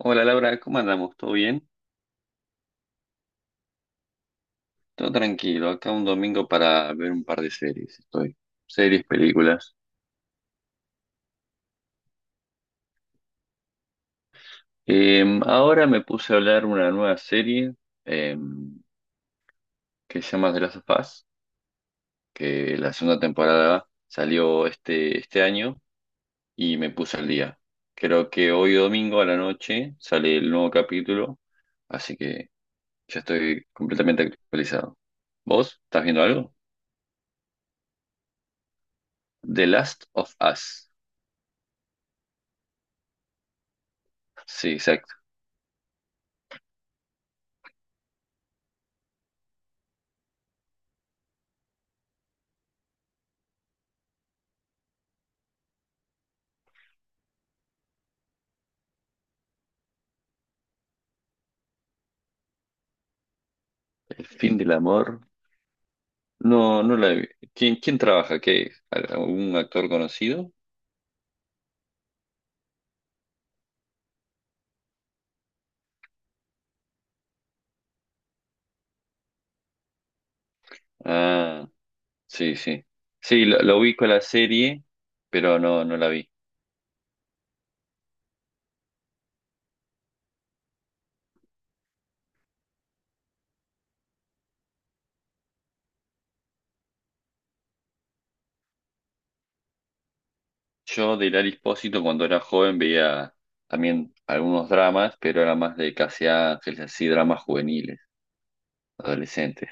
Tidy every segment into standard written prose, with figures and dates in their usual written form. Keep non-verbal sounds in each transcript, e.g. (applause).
Hola, Laura, ¿cómo andamos? ¿Todo bien? Todo tranquilo, acá un domingo para ver un par de series, estoy. Series, películas. Ahora me puse a hablar una nueva serie em, que se llama The Last of Us, que la segunda temporada salió este año y me puse al día. Creo que hoy domingo a la noche sale el nuevo capítulo, así que ya estoy completamente actualizado. ¿Vos estás viendo algo? The Last of Us. Sí, exacto. El fin del amor. No, no la he vi- ¿Quién trabaja? ¿Qué? ¿Un actor conocido? Ah, sí, sí. Sí, lo ubico la serie, pero no, no la vi. Yo de Hilary Espósito, cuando era joven, veía también algunos dramas, pero era más de Casi Ángeles, así dramas juveniles, adolescentes.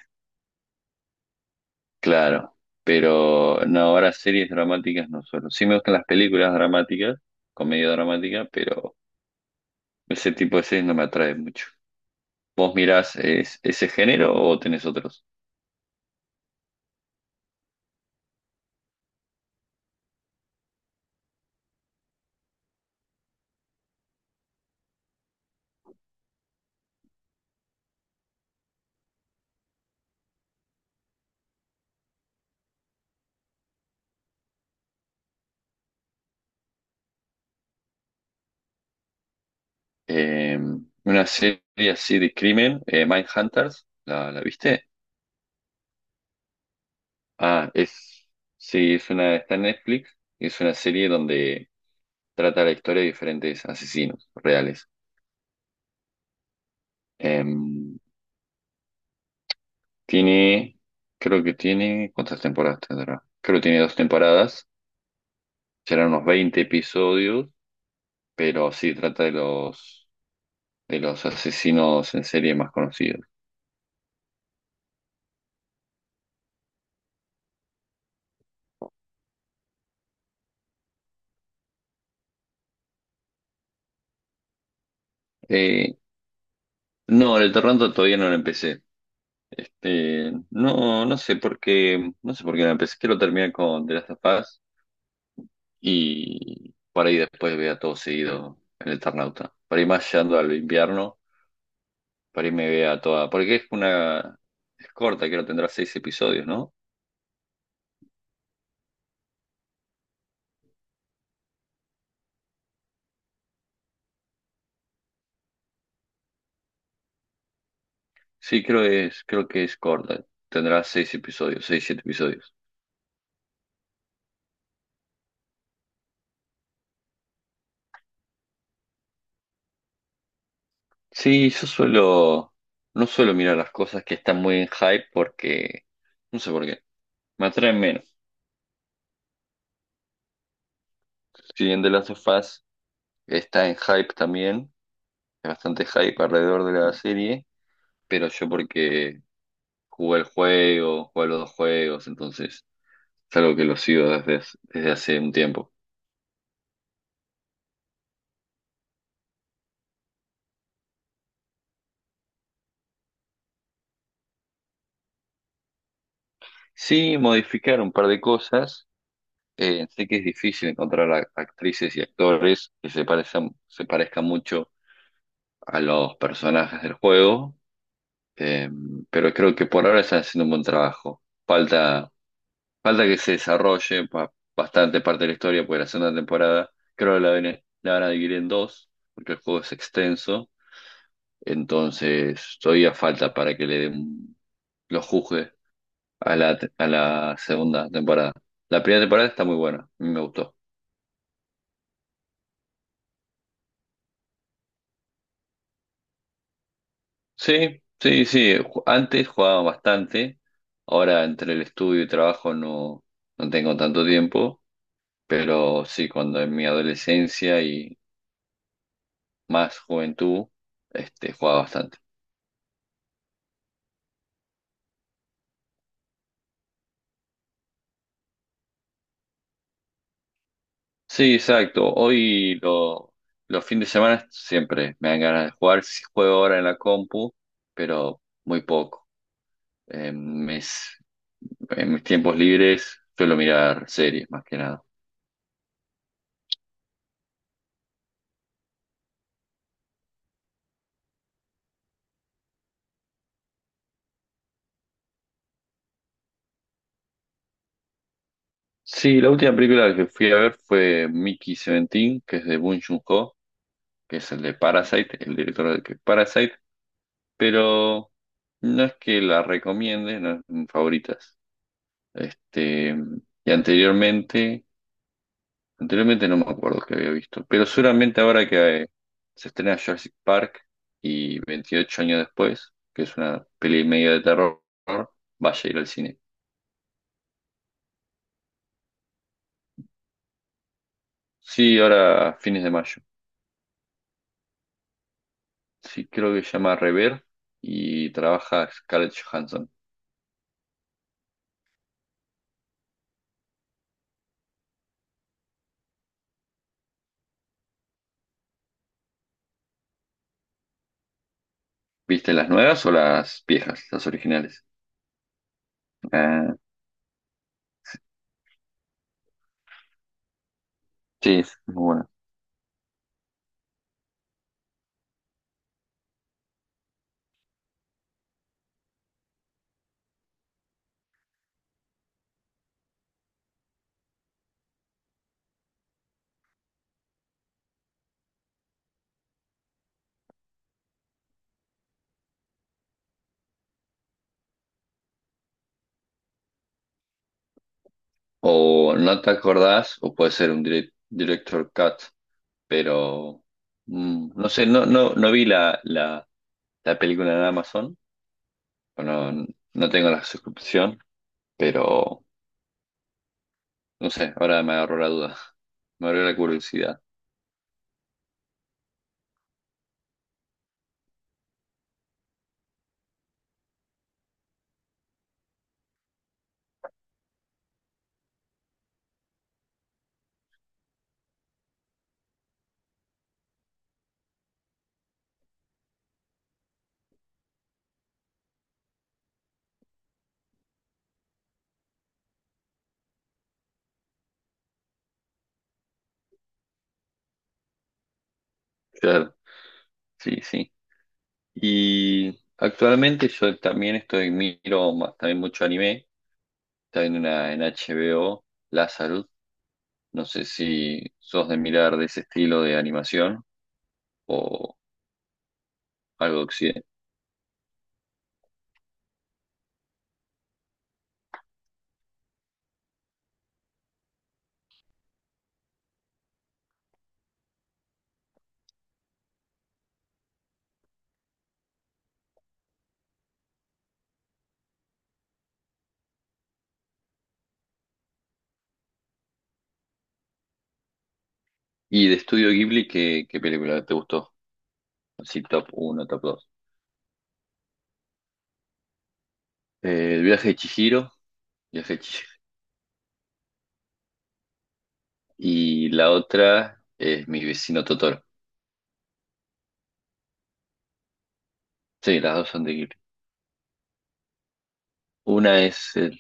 Claro. Pero no, ahora series dramáticas no suelo. Sí me gustan las películas dramáticas, comedia dramática, pero ese tipo de series no me atrae mucho. ¿Vos mirás es- ese género o tenés otros? Eh, una serie así de crimen, Mindhunters, la viste? Ah, sí, es una, está en Netflix y es una serie donde trata la historia de diferentes asesinos reales. Eh, tiene, creo que tiene, ¿cuántas temporadas tendrá? Creo que tiene dos temporadas, serán unos 20 episodios, pero sí trata de de los asesinos en serie más conocidos. Eh, no, el Toronto todavía no lo empecé. Este, no, no sé por qué me que lo terminé con The Last of Us y para ahí después vea todo seguido el Eternauta. Para ir más llegando al invierno, para ahí me vea toda, porque es una, es corta, creo que tendrá seis episodios, ¿no? Sí, creo es, creo que es corta, tendrá seis episodios, seis, siete episodios. Sí, no suelo mirar las cosas que están muy en hype porque, no sé por qué, me atraen menos. Si bien The Last of Us está en hype también. Hay bastante hype alrededor de la serie, pero yo porque jugué el juego, jugué los dos juegos, entonces es algo que lo sigo desde hace un tiempo. Sí, modificar un par de cosas. Sé que es difícil encontrar a- actrices y actores que se parezcan mucho a los personajes del juego, eh, pero creo que por ahora están haciendo un buen trabajo. Falta que se desarrolle pa- bastante parte de la historia, porque la segunda temporada creo que la van a dividir en dos, porque el juego es extenso. Entonces, todavía falta para que le den los juzgue a a la segunda temporada. La primera temporada está muy buena, a mí me gustó. Sí, sí, sí. ju- Antes jugaba bastante, ahora entre el estudio y trabajo no, no tengo tanto tiempo, pero sí, cuando en mi adolescencia y más juventud, este, jugaba bastante. Sí, exacto. Los fines de semana siempre me dan ganas de jugar. Sí juego ahora en la compu, pero muy poco. En mis, en mis tiempos libres suelo mirar series más que nada. Sí, la última película que fui a ver fue Mickey 17, que es de Bong Joon-ho, que es el de Parasite, el director de Parasite, pero no es que la recomiende, no es de mis favoritas. Este, y anteriormente anteriormente no me acuerdo que había visto, pero seguramente ahora que se estrena Jurassic Park y 28 años después, que es una peli medio de terror, vaya a ir al cine. Sí, ahora a fines de mayo. Sí, creo que se llama Rever y trabaja Scarlett Johansson. ¿Viste las nuevas o las viejas, las originales? Ah, sí, es muy buena. O no te acordás, o puede ser un direct- director cut, pero no sé, no, no, no vi la la película en Amazon. Bueno, no tengo la suscripción, pero no sé, ahora me agarró la duda. (laughs) Me abrió la curiosidad. Claro, sí, sí. Y actualmente yo también estoy, miro ma- también mucho anime. Está en una en HBO, Lazarus. No sé si sos de mirar de ese estilo de animación o algo de occidente. Y de Estudio Ghibli, ¿qué película te gustó? Así top uno, top dos. El viaje de Chihiro. Viaje de Chihiro, y la otra es Mi vecino Totoro. Sí, las dos son de Ghibli. Una es el,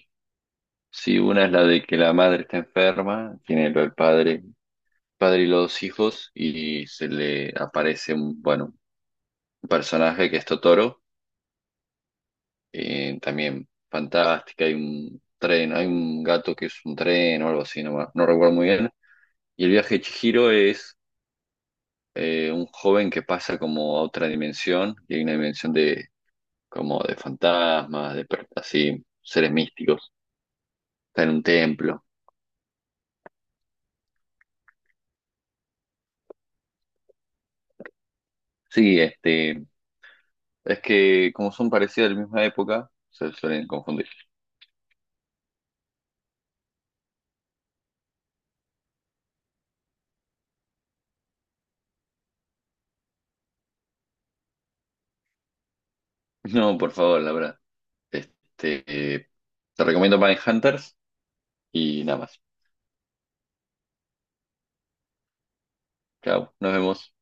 sí, una es la de que la madre está enferma, tiene lo del padre, padre y los dos hijos, y se le aparece un, bueno, un personaje que es Totoro, también fantástica, hay un tren, hay un gato que es un tren o algo así, no, me- no recuerdo muy bien. Y el viaje de Chihiro es un joven que pasa como a otra dimensión, y hay una dimensión de como de fantasmas, de per- así, seres místicos. Está en un templo. Sí, este, es que como son parecidos de la misma época, se suelen confundir. (laughs) No, por favor, la verdad. Este, te recomiendo Hunters y nada más. Chao, nos vemos.